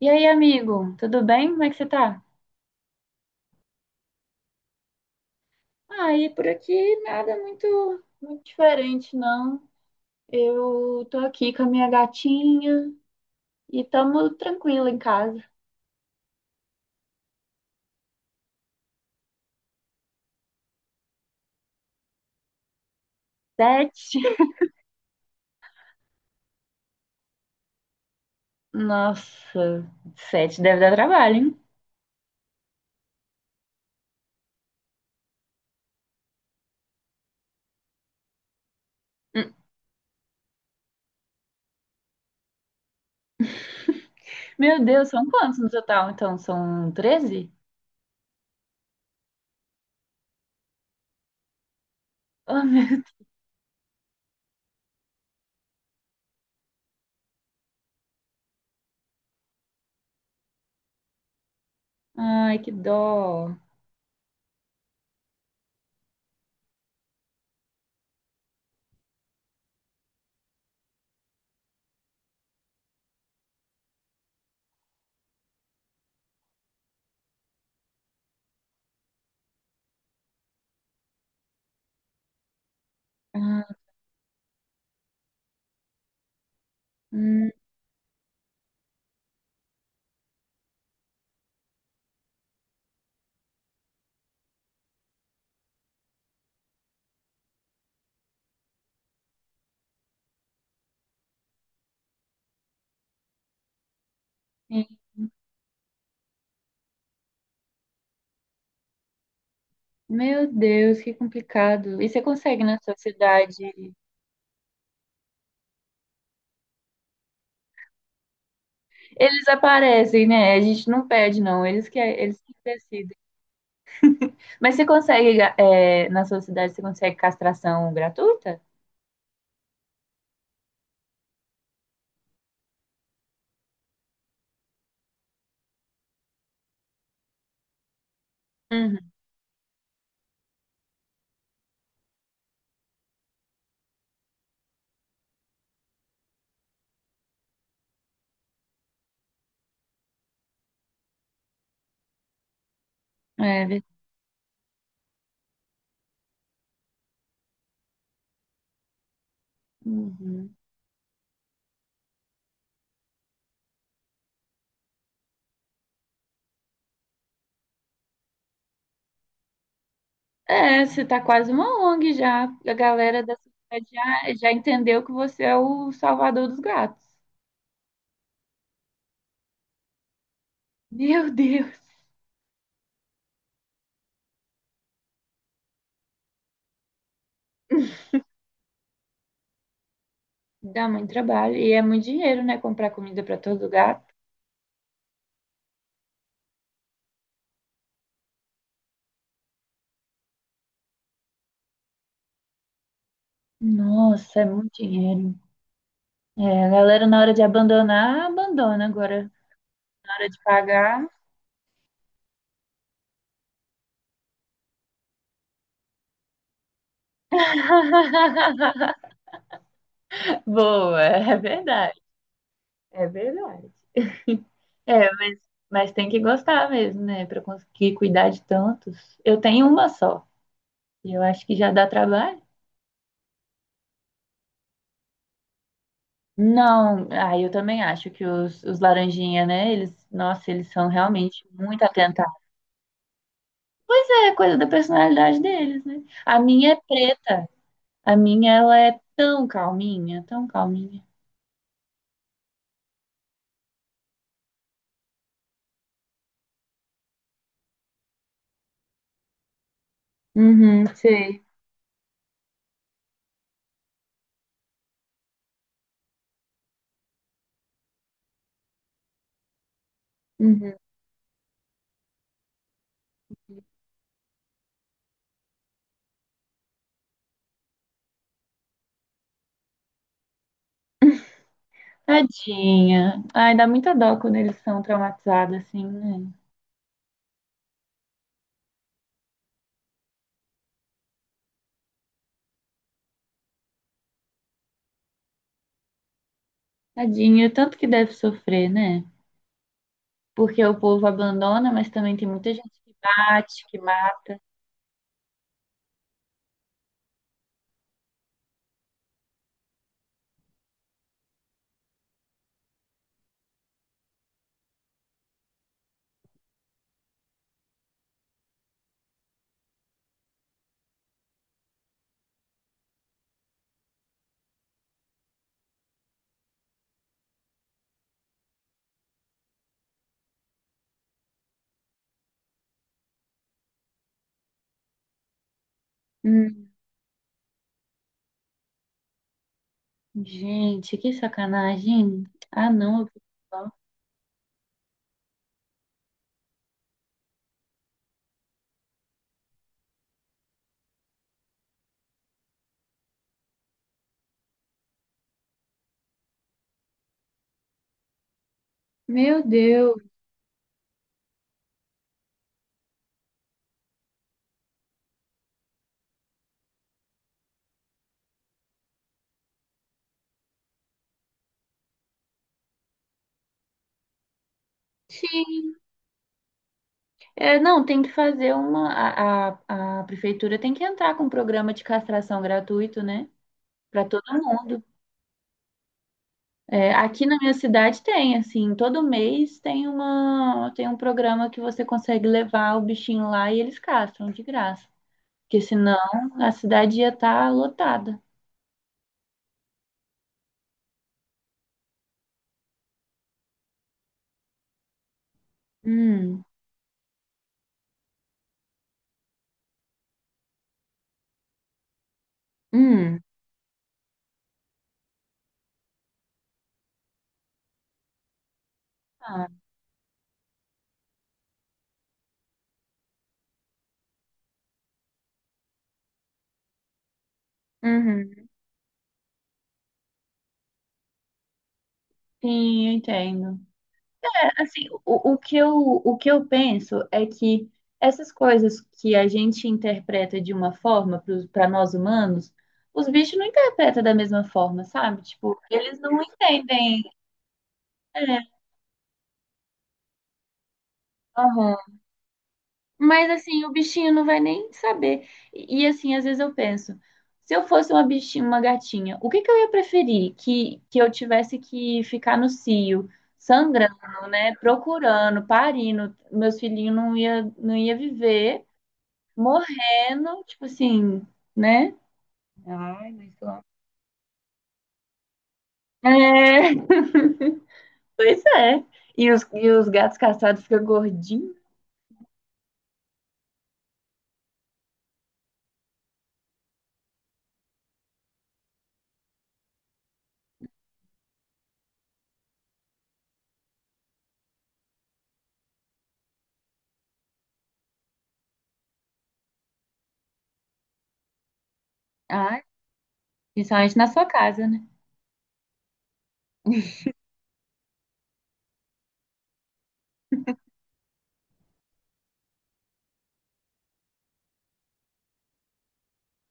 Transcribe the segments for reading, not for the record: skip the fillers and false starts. E aí, amigo, tudo bem? Como é que você tá? Ah, e por aqui nada muito diferente, não. Eu tô aqui com a minha gatinha e tamo tranquilo em casa. Sete? Nossa, sete deve dar trabalho, hein? Hum. Meu Deus, são quantos no total? Então, são 13. Oh, meu Deus. Ai, que dó. Ah, hum, sim. Meu Deus, que complicado. E você consegue na sua cidade. Eles aparecem, né? A gente não pede, não. Eles que, é, eles que decidem. Mas você consegue, é, na sua cidade, você consegue castração gratuita? Uhum. É, ver- uhum. É, você tá quase uma ONG já. A galera da cidade já entendeu que você é o salvador dos gatos. Meu Deus, dá muito trabalho. E é muito dinheiro, né? Comprar comida para todo gato. Nossa, é muito dinheiro. É, a galera na hora de abandonar, abandona. Agora, na hora de pagar. Boa, é verdade. É verdade. É, mas tem que gostar mesmo, né? Pra conseguir cuidar de tantos. Eu tenho uma só. E eu acho que já dá trabalho. Não, ah, eu também acho que os laranjinha, né? Eles, nossa, eles são realmente muito atentados. É coisa da personalidade deles, né? A minha é preta. A minha, ela é tão calminha, tão calminha. Uhum, sei. Uhum. Tadinha. Ai, dá muita dó quando eles são traumatizados assim, né? Tadinho, tanto que deve sofrer, né? Porque o povo abandona, mas também tem muita gente que bate, que mata. Hum, gente, que sacanagem. Ah, não. Eu fico só. Meu Deus. Sim. É, não, tem que fazer uma. A prefeitura tem que entrar com um programa de castração gratuito, né? Para todo mundo. É, aqui na minha cidade tem, assim, todo mês tem uma, tem um programa que você consegue levar o bichinho lá e eles castram de graça. Porque senão a cidade ia estar lotada. Hum, hum, Ah, uhum, sim, eu entendo. É, assim, o que eu penso é que essas coisas que a gente interpreta de uma forma para nós humanos, os bichos não interpretam da mesma forma, sabe? Tipo, eles não entendem. É, aham. Mas assim, o bichinho não vai nem saber. E assim, às vezes eu penso, se eu fosse uma bichinha, uma gatinha, o que que eu ia preferir? Que eu tivesse que ficar no cio, sangrando, né? Procurando, parindo, meus filhinhos não ia viver, morrendo, tipo assim, né? Ai, mas lá. É, pois é. E os gatos castrados ficam gordinhos. Ai, principalmente na sua casa, né?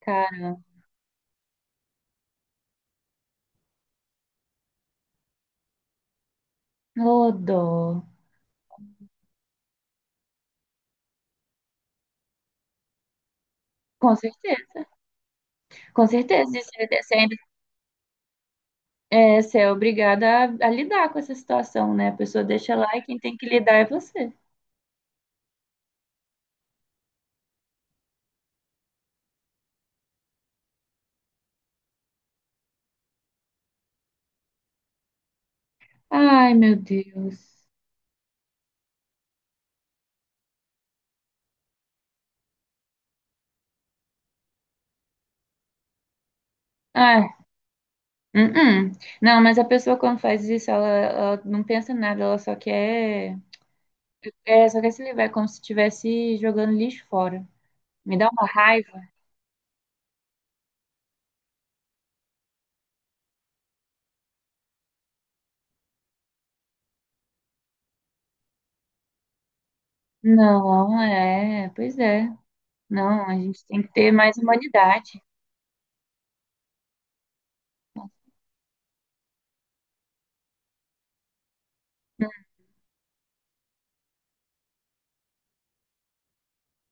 Cara, ô dó. Com certeza. Com certeza, e você ainda é, você é obrigada a lidar com essa situação, né? A pessoa deixa lá e quem tem que lidar é você. Ai, meu Deus. Ai, -uh. Não, mas a pessoa quando faz isso, ela não pensa em nada, ela só quer, é, só quer se livrar, é como se estivesse jogando lixo fora. Me dá uma raiva. Não, é, pois é. Não, a gente tem que ter mais humanidade.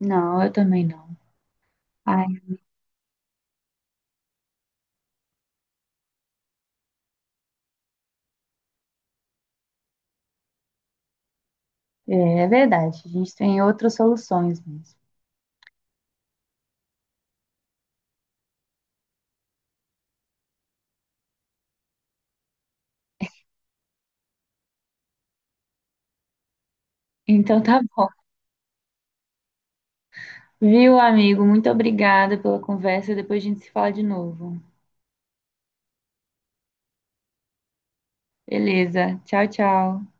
Não, eu também não. Ai, é, é verdade, a gente tem outras soluções mesmo. Então tá bom. Viu, amigo? Muito obrigada pela conversa. Depois a gente se fala de novo. Beleza. Tchau, tchau.